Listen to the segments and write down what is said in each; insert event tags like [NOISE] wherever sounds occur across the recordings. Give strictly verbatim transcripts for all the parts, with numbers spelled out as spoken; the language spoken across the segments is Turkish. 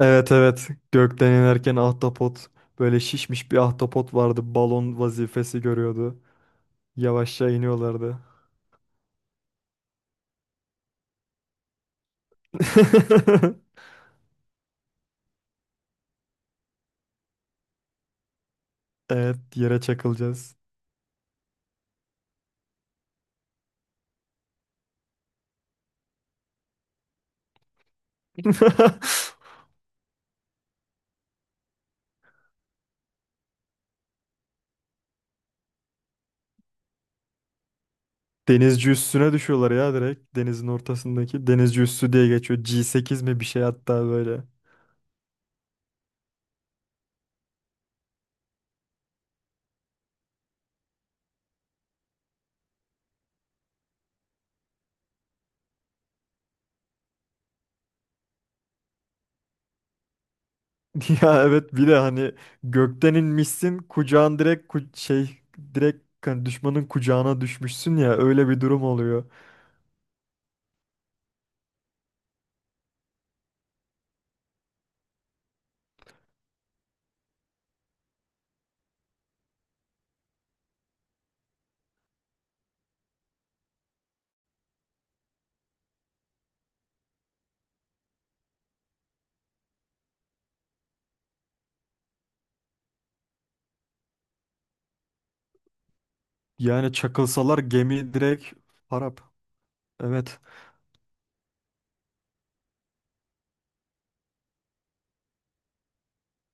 Evet, evet. Gökten inerken ahtapot böyle şişmiş bir ahtapot vardı. Balon vazifesi görüyordu. Yavaşça iniyorlardı. [LAUGHS] Evet, yere çakılacağız. [LAUGHS] Denizci üssüne düşüyorlar ya direkt. Denizin ortasındaki denizci üssü diye geçiyor. G sekiz mi bir şey hatta böyle. [LAUGHS] Ya evet, bir de hani gökten inmişsin kucağın direkt ku- şey direkt hani düşmanın kucağına düşmüşsün ya, öyle bir durum oluyor. Yani çakılsalar gemi direkt harap. Evet.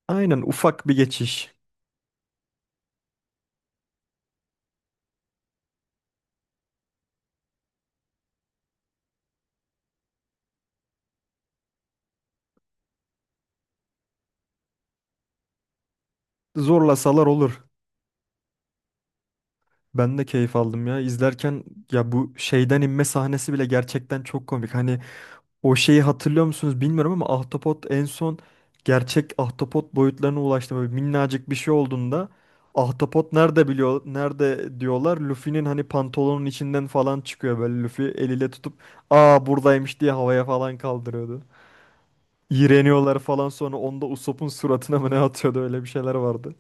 Aynen, ufak bir geçiş. Zorlasalar olur. Ben de keyif aldım ya. İzlerken ya bu şeyden inme sahnesi bile gerçekten çok komik. Hani o şeyi hatırlıyor musunuz bilmiyorum ama ahtapot en son gerçek ahtapot boyutlarına ulaştı. Böyle minnacık bir şey olduğunda ahtapot nerede biliyor, nerede diyorlar. Luffy'nin hani pantolonun içinden falan çıkıyor, böyle Luffy eliyle tutup aa buradaymış diye havaya falan kaldırıyordu. İğreniyorlar falan, sonra onda Usopp'un suratına mı ne atıyordu, öyle bir şeyler vardı.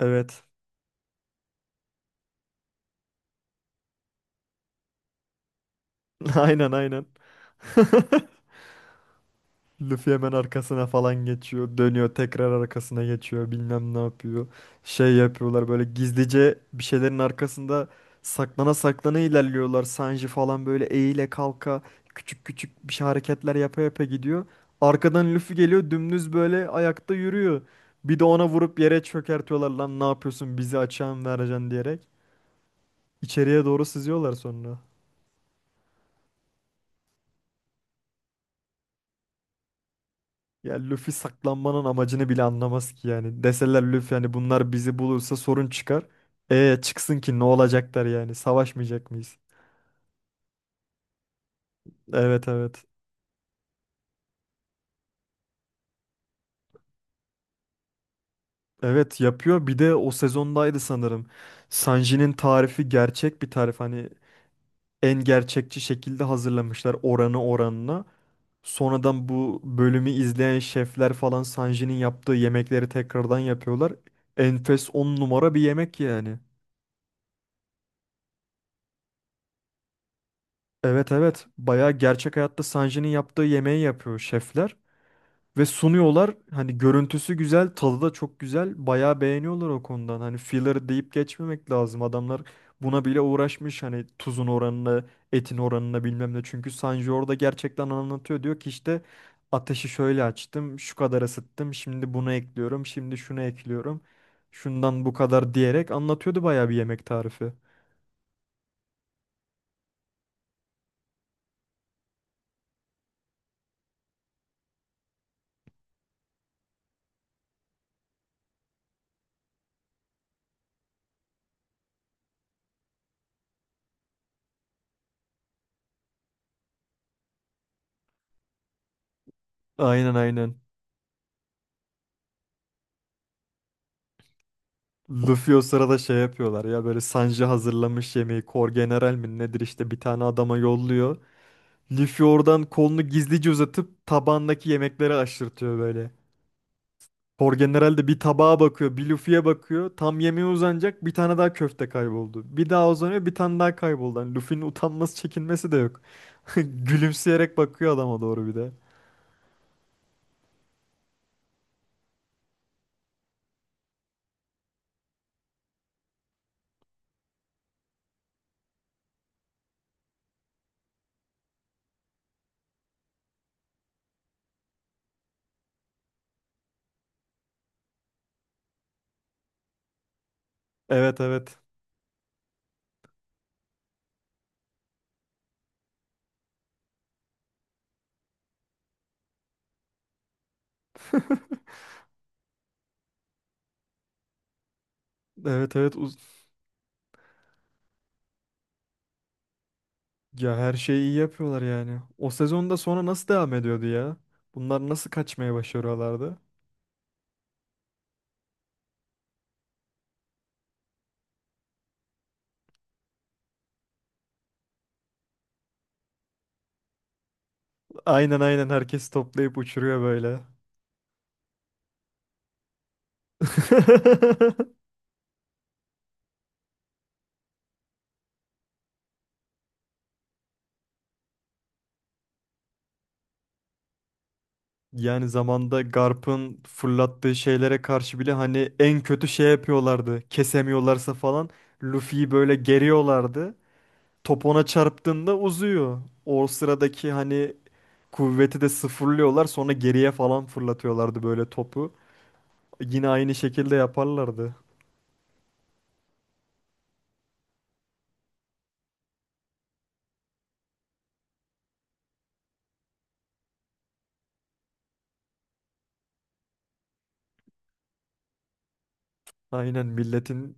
Evet. [LAUGHS] Aynen, aynen. [LAUGHS] Luffy hemen arkasına falan geçiyor. Dönüyor tekrar arkasına geçiyor. Bilmem ne yapıyor. Şey yapıyorlar böyle, gizlice bir şeylerin arkasında saklana saklana ilerliyorlar. Sanji falan böyle eğile kalka küçük küçük bir şey hareketler yapa yapa gidiyor. Arkadan Luffy geliyor, dümdüz böyle ayakta yürüyor. Bir de ona vurup yere çökertiyorlar, lan ne yapıyorsun bizi açığa mı vereceksin diyerek. İçeriye doğru sızıyorlar sonra. Ya Luffy saklanmanın amacını bile anlamaz ki yani. Deseler Luffy hani bunlar bizi bulursa sorun çıkar. E çıksın, ki ne olacaklar yani? Savaşmayacak mıyız? Evet, evet. Evet, yapıyor. Bir de o sezondaydı sanırım. Sanji'nin tarifi gerçek bir tarif. Hani en gerçekçi şekilde hazırlamışlar, oranı oranına. Sonradan bu bölümü izleyen şefler falan Sanji'nin yaptığı yemekleri tekrardan yapıyorlar. Enfes, on numara bir yemek yani. Evet, evet. Bayağı gerçek hayatta Sanji'nin yaptığı yemeği yapıyor şefler ve sunuyorlar. Hani görüntüsü güzel, tadı da çok güzel. Bayağı beğeniyorlar o konudan. Hani filler deyip geçmemek lazım. Adamlar buna bile uğraşmış, hani tuzun oranına, etin oranına bilmem ne. Çünkü Sanji orada gerçekten anlatıyor. Diyor ki işte ateşi şöyle açtım, şu kadar ısıttım, şimdi bunu ekliyorum, şimdi şunu ekliyorum. Şundan bu kadar diyerek anlatıyordu bayağı bir yemek tarifi. Aynen, aynen. Luffy o sırada şey yapıyorlar ya, böyle Sanji hazırlamış yemeği, Kor General mi nedir işte bir tane adama yolluyor. Luffy oradan kolunu gizlice uzatıp tabağındaki yemekleri aşırtıyor böyle. Kor General de bir tabağa bakıyor bir Luffy'ye bakıyor, tam yemeğe uzanacak bir tane daha köfte kayboldu. Bir daha uzanıyor bir tane daha kayboldu. Yani Luffy'nin utanması çekinmesi de yok. [LAUGHS] Gülümseyerek bakıyor adama doğru bir de. Evet, evet. Evet, evet. Ya her şeyi iyi yapıyorlar yani. O sezonda sonra nasıl devam ediyordu ya? Bunlar nasıl kaçmaya başarıyorlardı? Aynen, aynen, herkes toplayıp uçuruyor böyle. [LAUGHS] Yani zamanda Garp'ın fırlattığı şeylere karşı bile hani en kötü şey yapıyorlardı. Kesemiyorlarsa falan Luffy'yi böyle geriyorlardı. Top ona çarptığında uzuyor. O sıradaki hani kuvveti de sıfırlıyorlar, sonra geriye falan fırlatıyorlardı böyle topu. Yine aynı şekilde yaparlardı. Aynen milletin,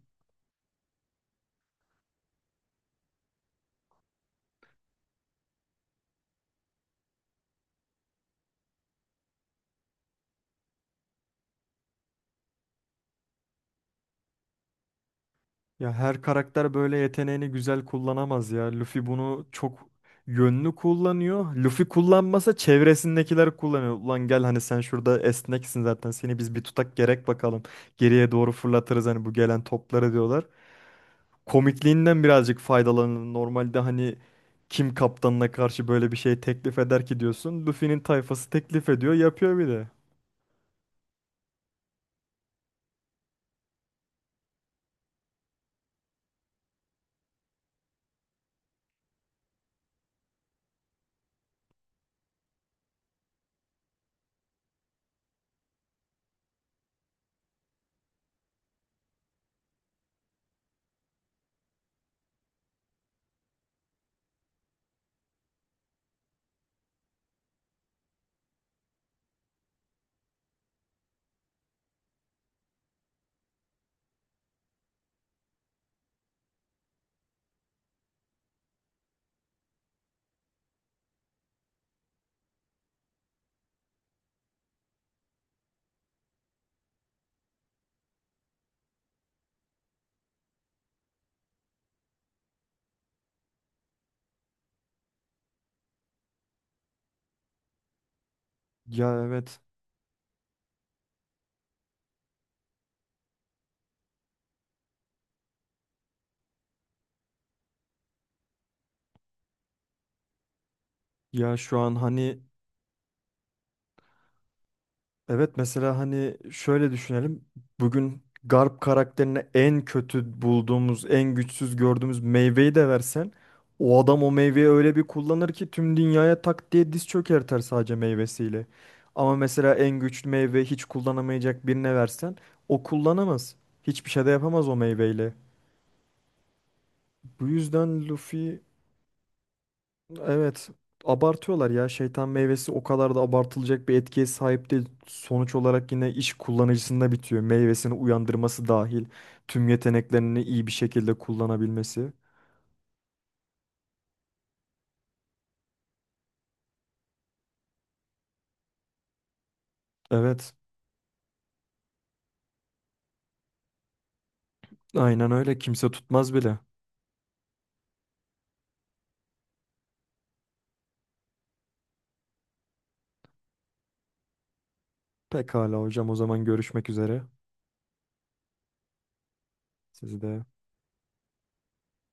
ya her karakter böyle yeteneğini güzel kullanamaz ya. Luffy bunu çok yönlü kullanıyor. Luffy kullanmasa çevresindekiler kullanıyor. Ulan gel hani sen şurada esneksin zaten. Seni biz bir tutak gerek bakalım. Geriye doğru fırlatırız hani bu gelen topları diyorlar. Komikliğinden birazcık faydalanın. Normalde hani kim kaptanına karşı böyle bir şey teklif eder ki diyorsun. Luffy'nin tayfası teklif ediyor, yapıyor bir de. Ya evet. Ya şu an hani evet, mesela hani şöyle düşünelim. Bugün Garp karakterine en kötü bulduğumuz, en güçsüz gördüğümüz meyveyi de versen o adam o meyveyi öyle bir kullanır ki tüm dünyaya tak diye diz çökertir sadece meyvesiyle. Ama mesela en güçlü meyve hiç kullanamayacak birine versen o kullanamaz. Hiçbir şey de yapamaz o meyveyle. Bu yüzden Luffy evet, abartıyorlar ya. Şeytan meyvesi o kadar da abartılacak bir etkiye sahip değil. Sonuç olarak yine iş kullanıcısında bitiyor. Meyvesini uyandırması dahil tüm yeteneklerini iyi bir şekilde kullanabilmesi. Evet, aynen öyle. Kimse tutmaz bile. Pekala hocam, o zaman görüşmek üzere. Sizi de